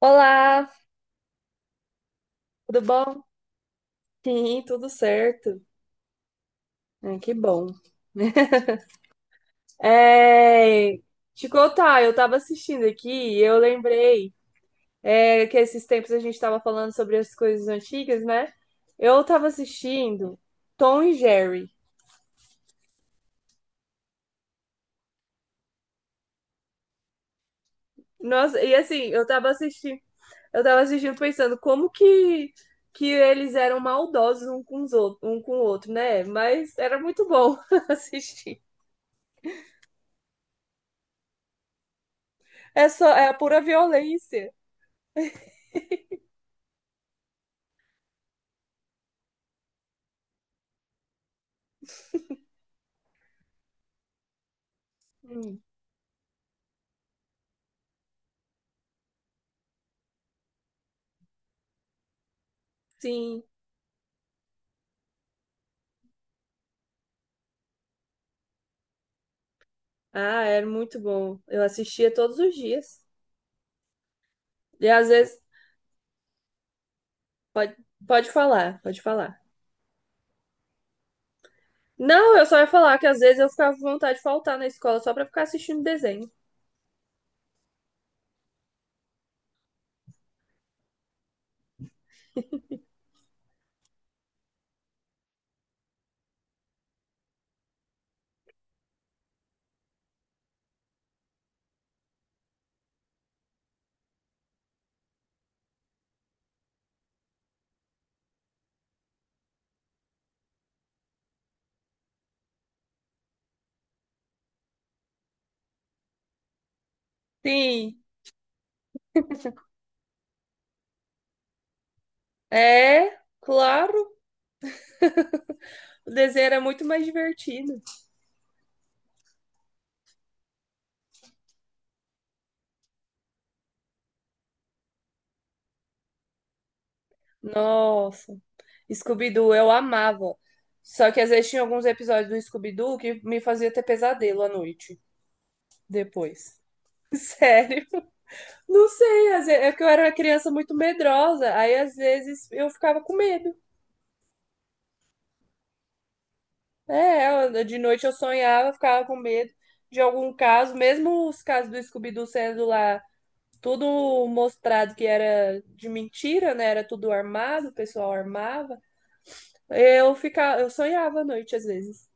Olá, tudo bom? Sim, tudo certo. Ai, que bom. É, te contar, eu tava assistindo aqui e eu lembrei, que esses tempos a gente tava falando sobre as coisas antigas, né? Eu tava assistindo Tom e Jerry. Nossa, e assim, eu tava assistindo pensando como que eles eram maldosos um com os outros, um com o outro, né? Mas era muito bom assistir. É só, é a pura violência. Hum. Sim. Ah, era muito bom. Eu assistia todos os dias. E às vezes. Pode, pode falar. Não, eu só ia falar que às vezes eu ficava com vontade de faltar na escola só pra ficar assistindo desenho. Sim, é, claro. O desenho era muito mais divertido. Nossa. Scooby-Doo, eu amava. Só que às vezes tinha alguns episódios do Scooby-Doo que me fazia ter pesadelo à noite depois. Sério. Não sei, às vezes, é porque eu era uma criança muito medrosa, aí às vezes eu ficava com medo. É, de noite eu sonhava, ficava com medo de algum caso, mesmo os casos do Scooby-Doo sendo lá tudo mostrado que era de mentira, né? Era tudo armado, o pessoal armava. Eu sonhava à noite às vezes.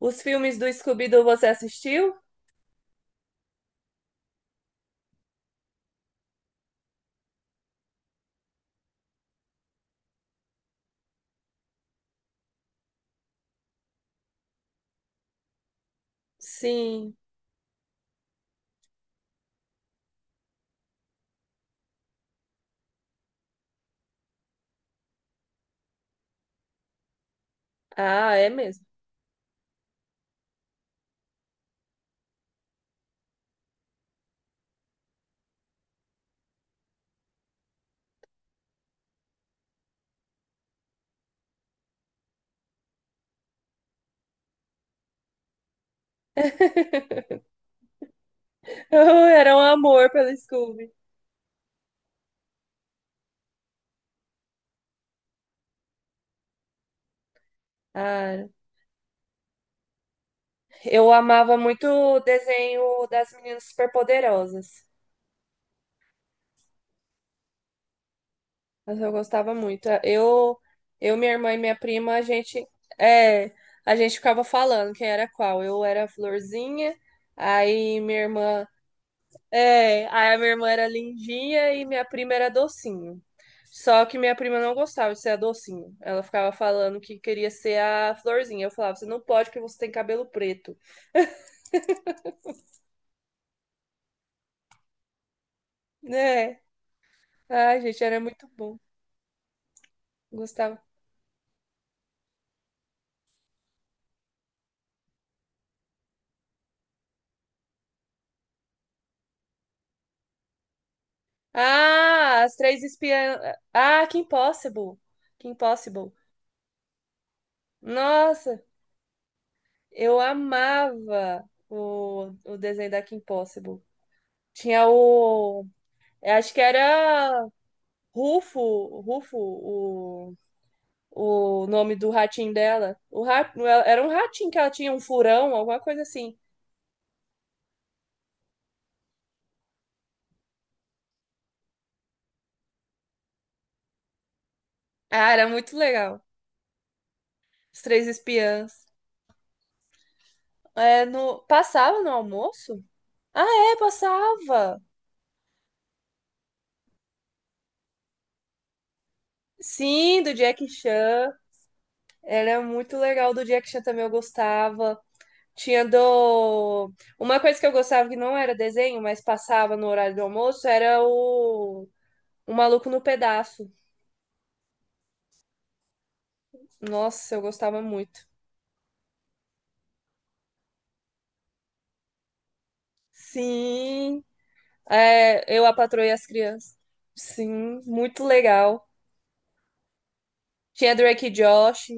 Os filmes do Scooby-Doo você assistiu? Sim. Ah, é mesmo. Era um amor pelo Scooby. Ah, eu amava muito o desenho das meninas superpoderosas. Mas eu gostava muito. Minha irmã e minha prima, é, a gente ficava falando quem era qual. Eu era a florzinha, aí minha irmã, aí a minha irmã era lindinha e minha prima era docinho. Só que minha prima não gostava de ser a docinho. Ela ficava falando que queria ser a florzinha. Eu falava, você não pode porque você tem cabelo preto, né? Ai, gente, era muito bom. Gostava. Ah, as três espiãs. Ah, que Impossible. Que Impossible. Nossa, eu amava o desenho da Kim Possible. Tinha o. eu Acho que era Rufo, Rufo, o, o nome do ratinho dela. Era um ratinho que ela tinha, um furão, alguma coisa assim. Ah, era muito legal. Os Três Espiãs. Passava no almoço? Ah, é, passava. Sim, do Jack Chan. Era muito legal do Jack Chan também, eu gostava. Tinha do. Uma coisa que eu gostava que não era desenho, mas passava no horário do almoço, era o Maluco no Pedaço. Nossa, eu gostava muito. Sim, eu a Patroa e as Crianças. Sim, muito legal. Tinha Drake e Josh,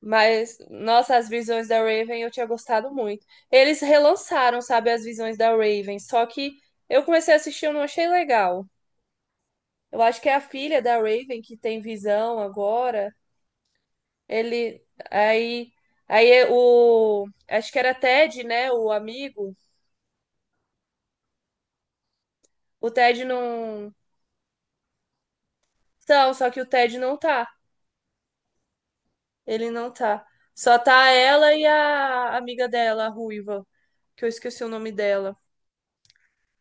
mas, nossa, as visões da Raven eu tinha gostado muito. Eles relançaram, sabe, as visões da Raven, só que eu comecei a assistir e eu não achei legal. Eu acho que é a filha da Raven que tem visão agora. Ele aí aí é o, acho que era Ted, né, o amigo. O Ted não Então, só que o Ted não tá. Ele não tá. Só tá ela e a amiga dela, a ruiva, que eu esqueci o nome dela.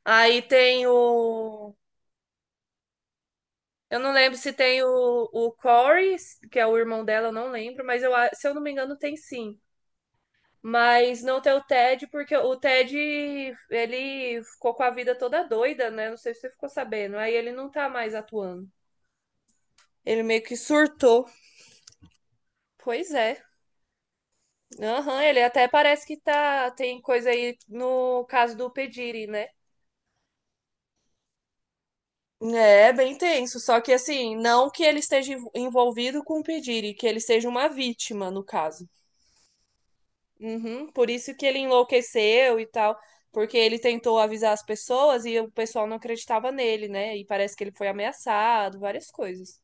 Aí tem o eu não lembro se tem o Corey, que é o irmão dela, eu não lembro, mas se eu não me engano, tem sim. Mas não ter o Ted, porque o Ted, ele ficou com a vida toda doida, né? Não sei se você ficou sabendo. Aí ele não tá mais atuando. Ele meio que surtou. Pois é. Aham, ele até parece que tá. Tem coisa aí no caso do Pediri, né? É bem tenso, só que assim, não que ele esteja envolvido com o Pediri, que ele seja uma vítima, no caso. Uhum, por isso que ele enlouqueceu e tal, porque ele tentou avisar as pessoas e o pessoal não acreditava nele, né? E parece que ele foi ameaçado, várias coisas.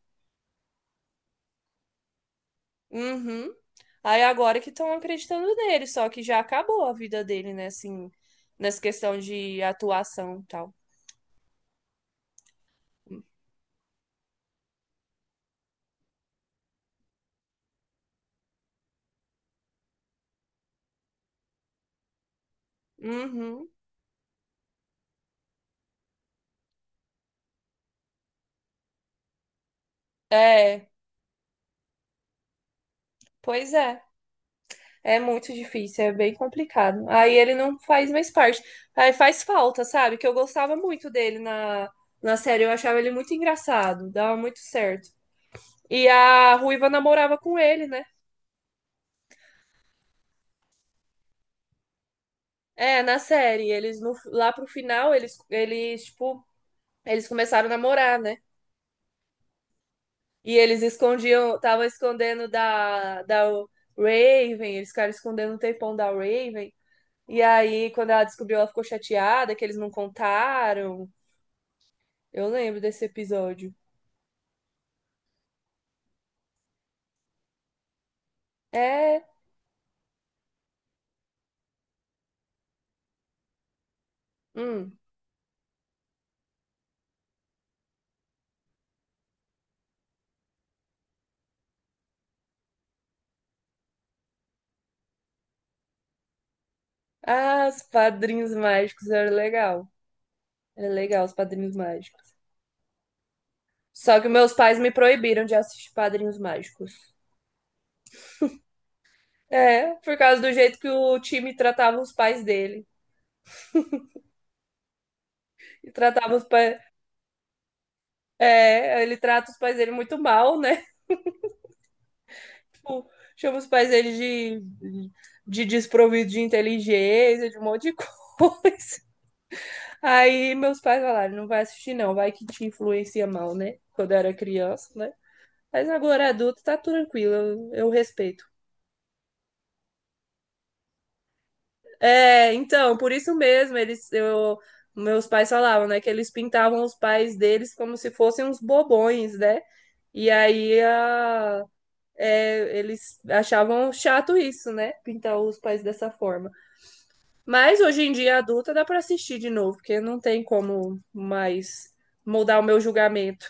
Uhum. Aí agora que estão acreditando nele, só que já acabou a vida dele, né? Assim, nessa questão de atuação e tal. Uhum. É, pois é. É muito difícil, é bem complicado. Aí ele não faz mais parte. Aí faz falta, sabe? Que eu gostava muito dele na série. Eu achava ele muito engraçado, dava muito certo. E a Ruiva namorava com ele, né? É, na série. Eles no, lá pro final, eles começaram a namorar, né? E eles escondiam, estavam escondendo da Raven, eles ficaram escondendo o tempão da Raven. E aí, quando ela descobriu, ela ficou chateada que eles não contaram. Eu lembro desse episódio. É. Hum. Ah, os padrinhos mágicos era legal. Era legal os padrinhos mágicos. Só que meus pais me proibiram de assistir padrinhos mágicos. É, por causa do jeito que o time tratava os pais dele. E tratava os pais. É, ele trata os pais dele muito mal, né? Tipo, chama os pais dele de desprovido de inteligência, de um monte de coisa. Aí meus pais falaram: não vai assistir, não, vai que te influencia mal, né? Quando eu era criança, né? Mas agora adulto tá tranquilo, eu respeito. É, então, por isso mesmo, meus pais falavam, né, que eles pintavam os pais deles como se fossem uns bobões, né? E aí eles achavam chato isso, né? Pintar os pais dessa forma. Mas hoje em dia, adulta, dá pra assistir de novo, porque não tem como mais mudar o meu julgamento.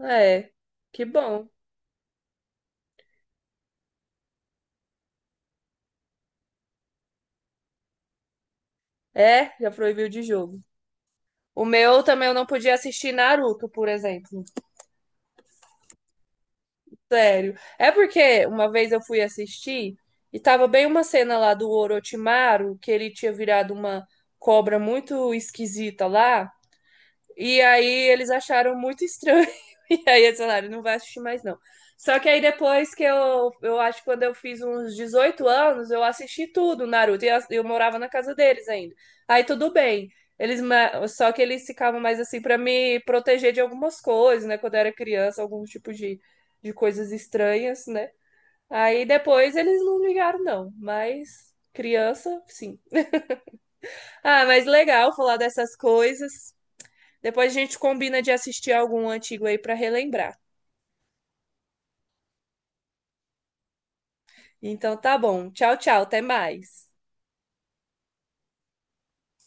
É, que bom. É, já proibiu de jogo. O meu também eu não podia assistir Naruto, por exemplo. Sério. É porque uma vez eu fui assistir e tava bem uma cena lá do Orochimaru, que ele tinha virado uma cobra muito esquisita lá. E aí eles acharam muito estranho. E aí eles falaram, não vai assistir mais, não. Só que aí depois que eu acho que quando eu fiz uns 18 anos, eu assisti tudo, Naruto, e eu morava na casa deles ainda. Aí tudo bem. Só que eles ficavam mais assim pra me proteger de algumas coisas, né? Quando eu era criança, algum tipo de coisas estranhas, né? Aí depois eles não ligaram, não. Mas criança, sim. Ah, mas legal falar dessas coisas. Depois a gente combina de assistir algum antigo aí para relembrar. Então tá bom. Tchau, tchau. Até mais.